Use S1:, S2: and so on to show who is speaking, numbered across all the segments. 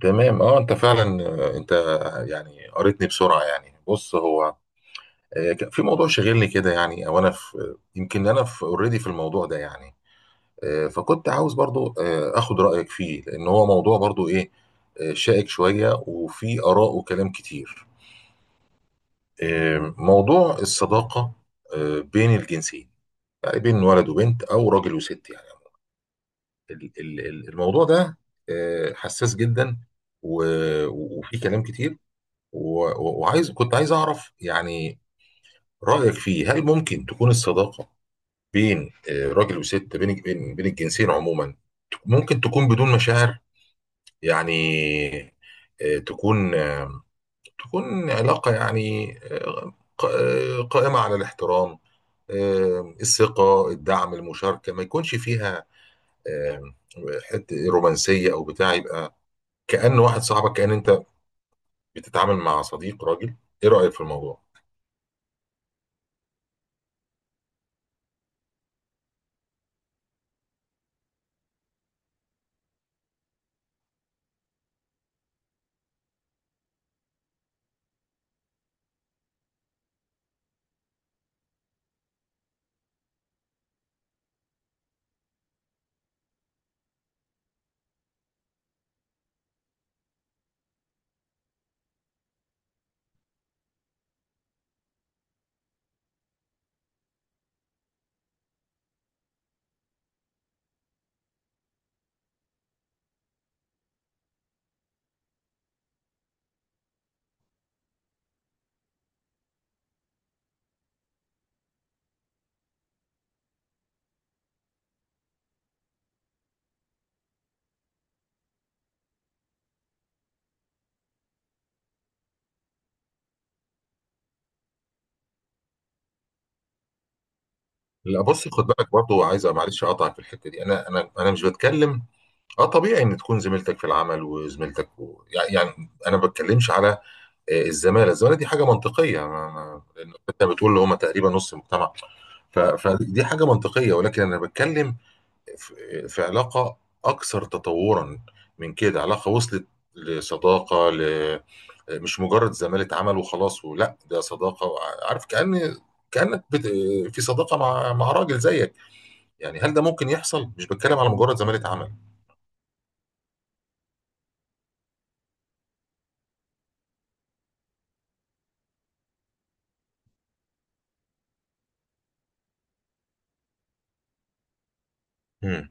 S1: تمام. اه انت فعلا. انت، يعني، قريتني بسرعه. يعني بص، هو كان في موضوع شاغلني كده، يعني. او انا في يمكن انا في اوريدي في الموضوع ده، يعني. فكنت عاوز برضو اخد رايك فيه، لان هو موضوع برضو ايه، شائك شويه، وفي اراء وكلام كتير. موضوع الصداقه بين الجنسين، يعني بين ولد وبنت او راجل وست يعني. الموضوع ده حساس جدا، وفيه كلام كتير. و- و- وعايز كنت عايز اعرف يعني رايك فيه. هل ممكن تكون الصداقه بين راجل وست، بين الجنسين عموما، ممكن تكون بدون مشاعر؟ يعني تكون علاقه، يعني قائمه على الاحترام، الثقه، الدعم، المشاركه، ما يكونش فيها آه، حته رومانسيه او بتاع. يبقى كأن واحد صاحبك، كأن انت بتتعامل مع صديق راجل. ايه رايك في الموضوع؟ لا، بص، خد بالك برضو. عايز، معلش، اقطعك في الحته دي. انا مش بتكلم، اه، طبيعي ان تكون زميلتك في العمل، وزميلتك و... يعني انا ما بتكلمش على الزماله. دي حاجه منطقيه، ما... ما... لان انت بتقول اللي هم تقريبا نص المجتمع. فدي حاجه منطقيه، ولكن انا بتكلم في علاقه اكثر تطورا من كده، علاقه وصلت لصداقه ل... مش مجرد زماله عمل وخلاص، ولا ده صداقه، عارف؟ كأنك بت... في صداقه مع راجل زيك، يعني. هل ده ممكن يحصل؟ مش بتكلم على مجرد زمالة عمل. مم.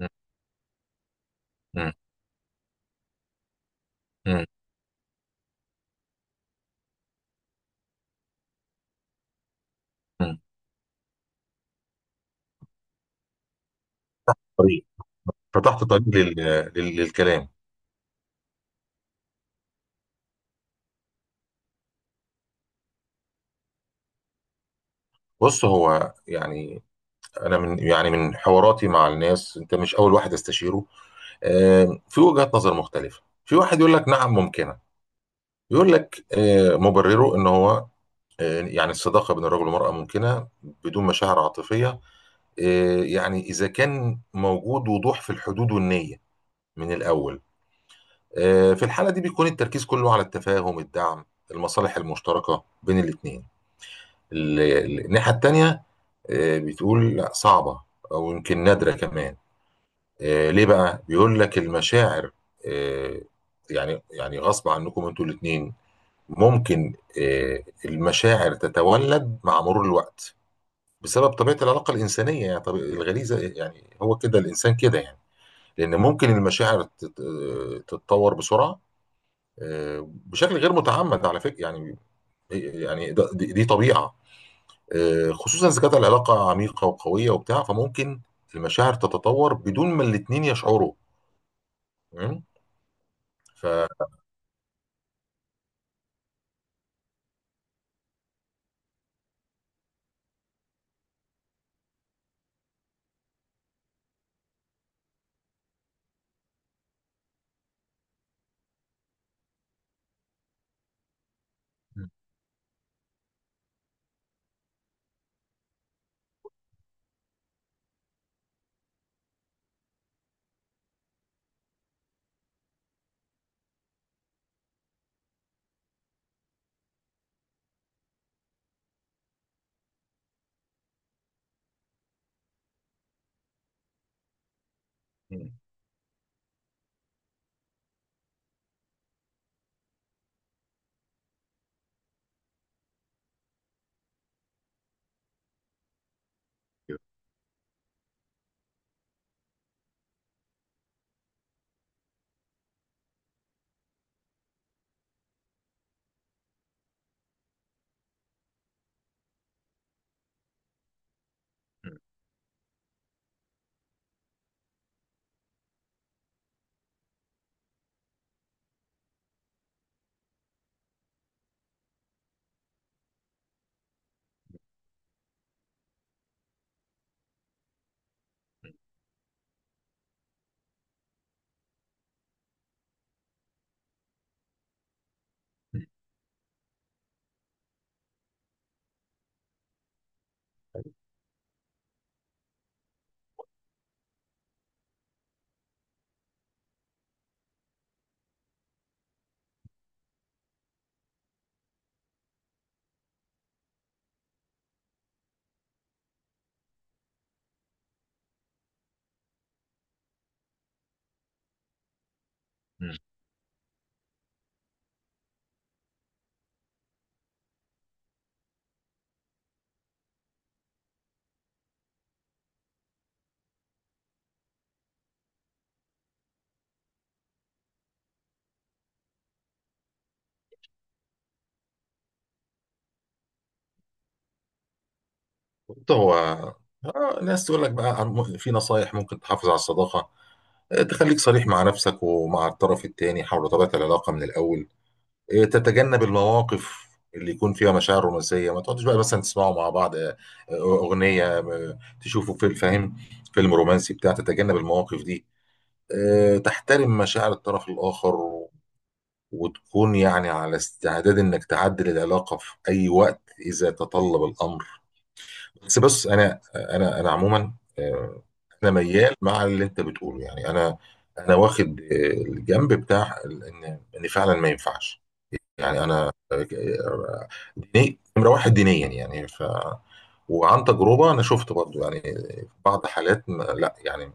S1: مم. مم. مم. مم. طريق فتحت طريق للكلام. بص، هو يعني انا، من يعني، من حواراتي مع الناس، انت مش اول واحد استشيره. في وجهات نظر مختلفة. في واحد يقول لك نعم ممكنة، يقول لك مبرره ان هو يعني الصداقة بين الرجل والمرأة ممكنة بدون مشاعر عاطفية، يعني اذا كان موجود وضوح في الحدود والنية من الاول. في الحالة دي بيكون التركيز كله على التفاهم، الدعم، المصالح المشتركة بين الاتنين. الناحية التانية بتقول لا، صعبة، أو يمكن نادرة كمان. ليه بقى؟ بيقول لك المشاعر آه، يعني، يعني غصب عنكم انتوا الاتنين، ممكن المشاعر تتولد مع مرور الوقت، بسبب طبيعة العلاقة الإنسانية، يعني طبيعة الغريزة، يعني هو كده الإنسان كده يعني. لأن ممكن المشاعر تتطور بسرعة بشكل غير متعمد، على فكره يعني. يعني دي طبيعه، خصوصا اذا كانت العلاقه عميقه وقويه وبتاع. فممكن المشاعر تتطور بدون ما الاثنين يشعروا. تمام؟ ف بالظبط، هو ناس تقول لك بقى، في نصايح ممكن تحافظ على الصداقه: تخليك صريح مع نفسك ومع الطرف الثاني حول طبيعه العلاقه من الاول. إيه، تتجنب المواقف اللي يكون فيها مشاعر رومانسيه. ما تقعدش بقى مثلا تسمعوا مع بعض اغنيه، تشوفوا فيلم، فاهم، فيلم رومانسي بتاع. تتجنب المواقف دي. تحترم مشاعر الطرف الاخر، وتكون يعني على استعداد انك تعدل العلاقه في اي وقت اذا تطلب الامر. بس، بص، انا عموما آه، انا ميال مع اللي انت بتقوله، يعني. انا انا واخد الجنب بتاع ان فعلا ما ينفعش. يعني انا ديني نمره واحد، دينيا يعني. وعن تجربه، انا شفت برضو، يعني في بعض حالات لا، يعني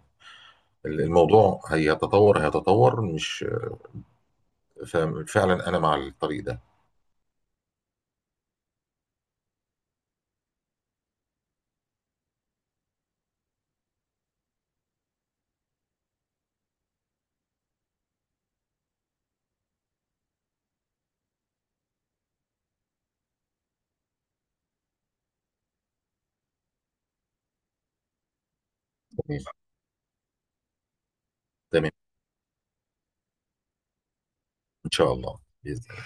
S1: الموضوع هيتطور، هيتطور مش، ففعلا انا مع الطريق ده. تمام. تمام، ان شاء الله بإذن.